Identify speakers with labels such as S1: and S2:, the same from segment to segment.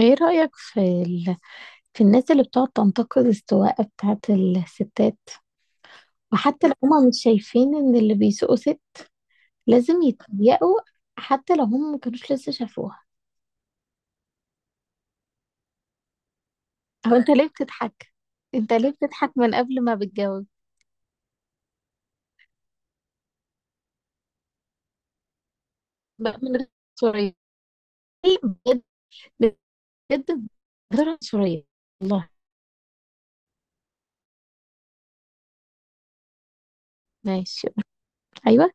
S1: ايه رأيك في في الناس اللي بتقعد تنتقد السواقة بتاعت الستات، وحتى لو هما مش شايفين ان اللي بيسوقوا ست لازم يتضايقوا، حتى لو هم ما كانوش لسه شافوها. او انت ليه بتضحك؟ انت ليه بتضحك من قبل ما بتجاوب؟ بقى من غير عنصرية. بجد، بجد، من غير عنصرية والله. ماشي. ايوه.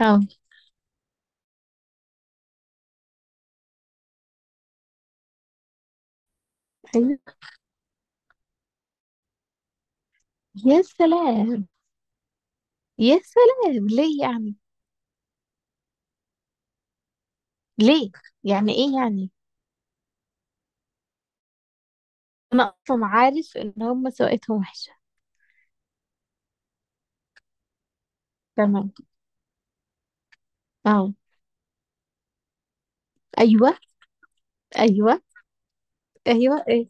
S1: اه. ايوه. يا سلام. يا سلام، ليه يعني؟ ليه؟ يعني ايه يعني؟ انا اصلا عارف ان هم سواقتهم وحشة. تمام. اه. ايوه. ايوه. ايوه. ايه؟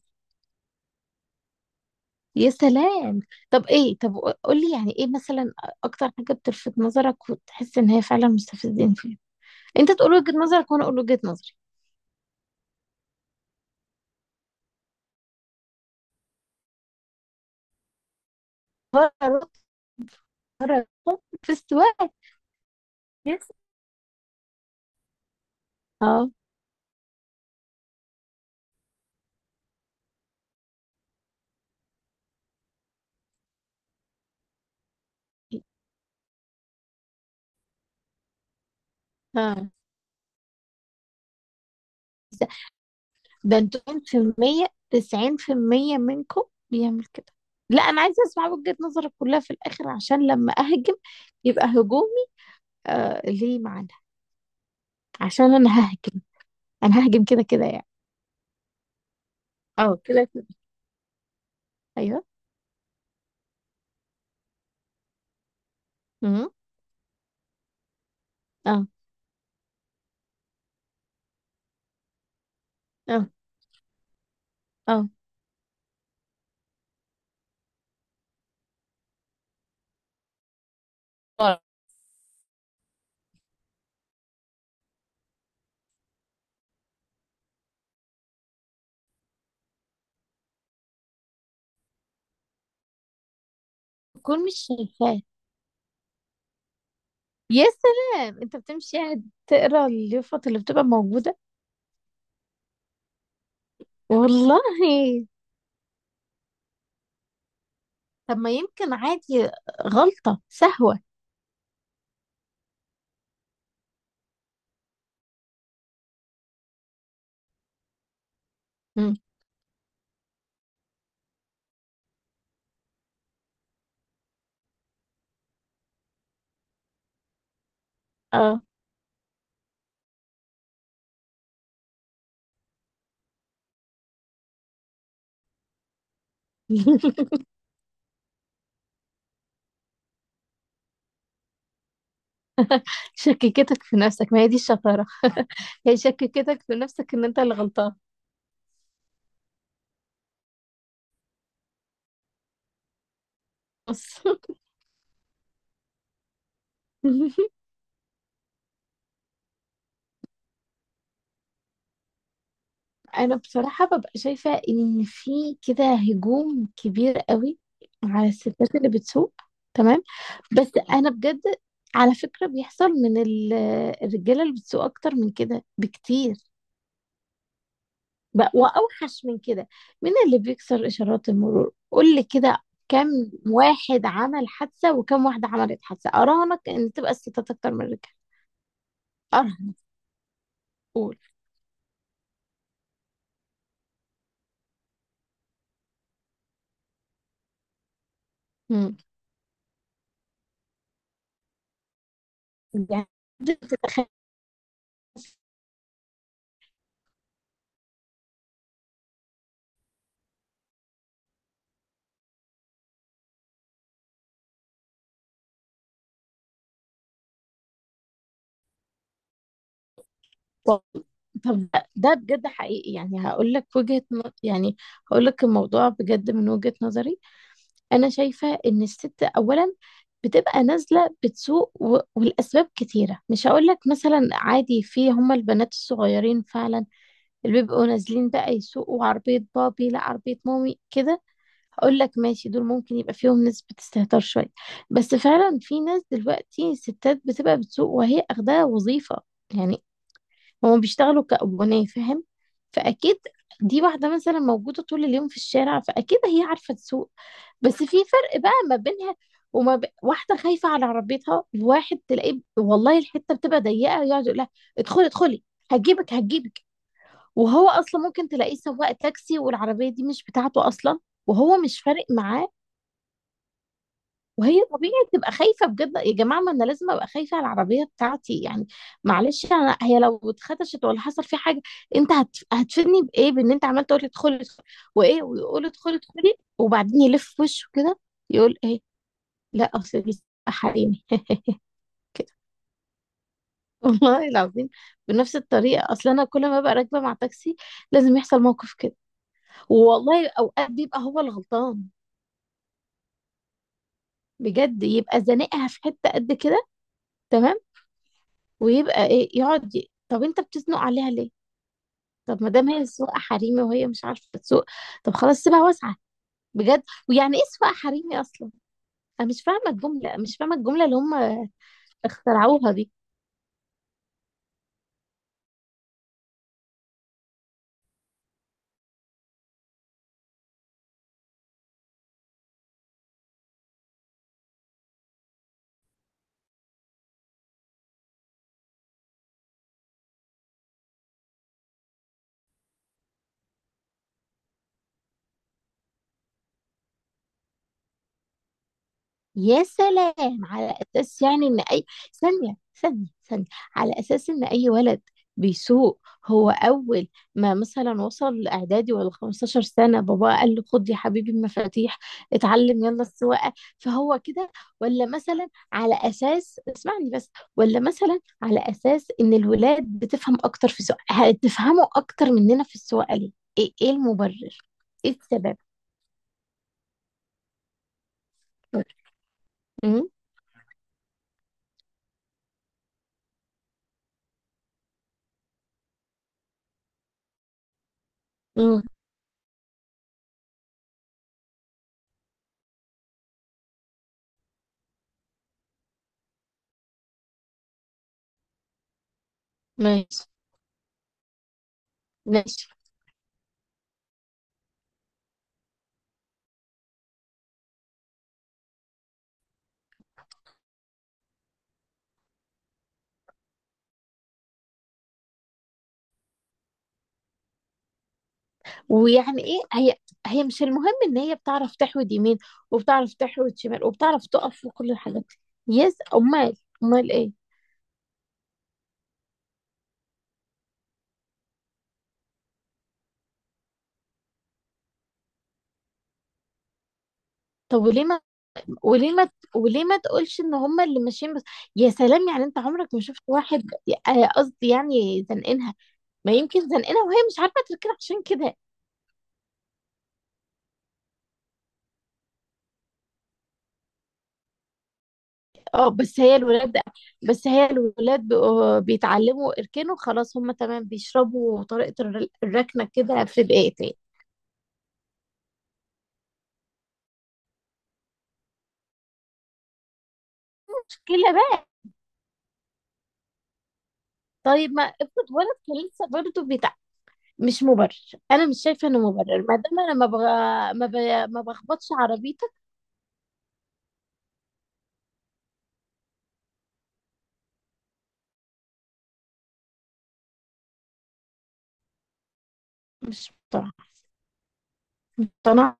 S1: يا سلام. طب ايه؟ طب قول لي يعني ايه مثلا، اكتر حاجه بتلفت نظرك وتحس ان هي فعلا مستفزين فيها؟ انت تقول وجهه نظرك وانا اقول وجهه نظري. فرق. فرق في السواقه. يس. اه. اه، ده انتوا 90% 90% منكم بيعمل كده. لا انا عايزه اسمع وجهه نظرك كلها في الاخر عشان لما اهجم يبقى هجومي. آه، ليه معنى؟ عشان انا ههجم، انا ههجم كده كده يعني. اه كده كده. ايوه. امم. اه. اه. اه. ورا. بكون مش شايفاه. يا سلام، انت بتمشي قاعد تقرا اليافط اللي بتبقى موجودة؟ والله. طب ما يمكن عادي، غلطة سهوة. مم. اه. شككتك في نفسك، ما هي دي الشطارة. هي شككتك في نفسك ان انت اللي غلطان. بص. انا بصراحة ببقى شايفة ان في كده هجوم كبير قوي على الستات اللي بتسوق. تمام. بس انا بجد، على فكرة بيحصل من الرجالة اللي بتسوق اكتر من كده بكتير، بقى واوحش من كده. مين اللي بيكسر اشارات المرور؟ قول لي كده، كم واحد عمل حادثة وكم واحدة عملت حادثة؟ اراهنك ان تبقى الستات اكتر من الرجال. اراهنك. قول. مم. يعني تتخيل؟ طب ده ده بجد حقيقي، يعني هقول لك يعني هقول لك الموضوع بجد من وجهة نظري. انا شايفه ان الست اولا بتبقى نازله بتسوق، والاسباب كتيره. مش هقول لك مثلا عادي في هما البنات الصغيرين فعلا اللي بيبقوا نازلين بقى يسوقوا عربيه بابي لا عربيه مامي كده. هقول لك ماشي، دول ممكن يبقى فيهم نسبه استهتار شويه. بس فعلا في ناس دلوقتي ستات بتبقى بتسوق وهي اخدها وظيفه، يعني هم بيشتغلوا كأبناء، فاهم؟ فأكيد دي واحدة مثلا موجودة طول اليوم في الشارع، فأكيد هي عارفة تسوق. بس في فرق بقى ما بينها واحدة خايفة على عربيتها، الواحد تلاقيه والله الحتة بتبقى ضيقة يقعد يقول لها ادخلي ادخلي، هجيبك هجيبك. وهو أصلا ممكن تلاقيه سواق تاكسي والعربية دي مش بتاعته أصلا، وهو مش فارق معاه. وهي طبيعي تبقى خايفة. بجد يا جماعة، ما أنا لازم أبقى خايفة على العربية بتاعتي يعني. معلش، أنا هي لو اتخدشت ولا حصل في حاجة، أنت هتفيدني بإيه بإن أنت عمال تقول لي ادخلي ادخلي؟ وإيه، ويقول ادخلي ادخلي وبعدين يلف وشه كده يقول إيه؟ لا أصل دي حريمي. كده. والله العظيم بنفس الطريقة، أصل أنا كل ما ببقى راكبة مع تاكسي لازم يحصل موقف كده. والله أوقات بيبقى هو الغلطان بجد، يبقى زنقها في حتة قد كده. تمام. ويبقى ايه، يقعد طب انت بتزنق عليها ليه؟ طب ما دام هي سواقه حريمي وهي مش عارفه تسوق، طب خلاص سيبها واسعه. بجد. ويعني ايه سواقه حريمي اصلا؟ انا مش فاهمه الجمله، مش فاهمه الجمله اللي هم اخترعوها دي. يا سلام، على اساس يعني ان اي... ثانيه، ثانيه. على اساس ان اي ولد بيسوق، هو اول ما مثلا وصل اعدادي ولا 15 سنه بابا قال له خد يا حبيبي المفاتيح، اتعلم يلا السواقه؟ فهو كده. ولا مثلا على اساس... اسمعني بس. ولا مثلا على اساس ان الولاد بتفهم اكتر في السواقه، هتفهموا اكتر مننا في السواقه ليه؟ ايه إيه المبرر؟ ايه السبب؟ امم. إمم، ماشي. ماشي. ويعني ايه، هي هي مش المهم ان هي بتعرف تحود يمين وبتعرف تحود شمال وبتعرف تقف وكل الحاجات دي؟ يس، امال؟ امال ايه؟ طب وليه ما وليه ما تقولش ان هم اللي ماشيين بس؟ يا سلام، يعني انت عمرك ما شفت واحد؟ آه، قصدي يعني زنقنها. ما يمكن زنقنها وهي مش عارفه تركنها عشان كده. اه بس هي الولاد، بس هي الولاد بقوا بيتعلموا يركنوا خلاص، هم تمام بيشربوا طريقه الركنه كده في دقيقتين. مشكله بقى. طيب ما افرض ولد كان لسه برضه بتاع، مش مبرر. انا مش شايفه انه مبرر ما دام انا ما بغ... ما, ب... ما بخبطش عربيتك. مش مقتنعه. مقتنعه.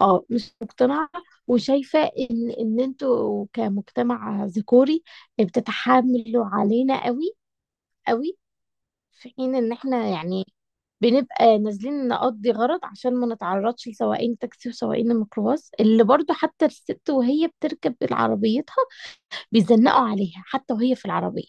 S1: اه مش مقتنعه. وشايفه ان انتوا كمجتمع ذكوري بتتحاملوا علينا قوي، قوي. في حين ان احنا يعني بنبقى نازلين نقضي غرض، عشان ما نتعرضش لسواقين تاكسي وسواقين الميكروباص اللي برضو حتى الست وهي بتركب عربيتها بيزنقوا عليها حتى وهي في العربية.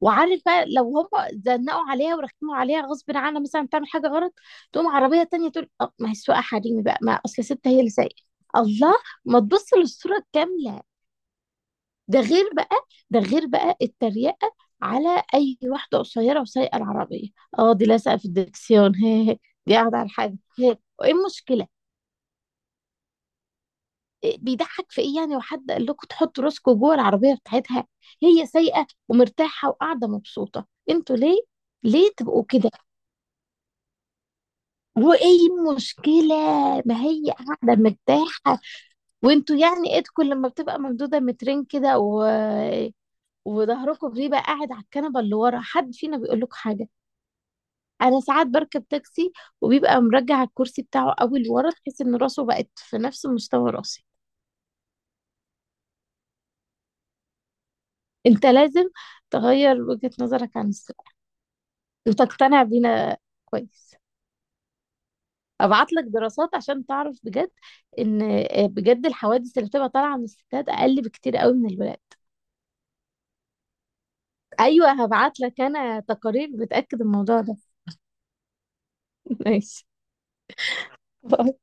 S1: وعارف بقى لو هم زنقوا عليها ورخموا عليها غصب عنها مثلا تعمل حاجه غلط، تقوم عربيه تانية تقول أه ما هي السواقه حريمي بقى، ما اصل ست هي اللي سايقه. الله. ما تبص للصوره الكامله؟ ده غير بقى، ده غير بقى التريقه على اي واحده قصيره وسايقه العربيه. اه دي لازقه في الدركسيون. هي دي قاعده على الحاجه هي، وايه المشكله؟ إيه بيضحك في ايه يعني؟ وحد قال لكم تحطوا راسكم جوه العربيه بتاعتها؟ هي سايقه ومرتاحه وقاعده مبسوطه، انتوا ليه؟ ليه تبقوا كده؟ وايه المشكلة؟ ما هي قاعدة مرتاحة. وانتوا يعني ايدكم لما بتبقى ممدودة مترين وظهركم بيبقى قاعد على الكنبة اللي ورا، حد فينا بيقول لكم حاجة؟ انا ساعات بركب تاكسي وبيبقى مرجع الكرسي بتاعه قوي لورا، تحس ان راسه بقت في نفس مستوى راسي. انت لازم تغير وجهة نظرك عن الثقة وتقتنع بينا. كويس. ابعت لك دراسات عشان تعرف بجد ان آه، بجد الحوادث اللي بتبقى طالعة من الستات اقل بكتير قوي من الولاد. ايوه هبعت لك انا تقارير بتاكد الموضوع ده. ماشي. باي.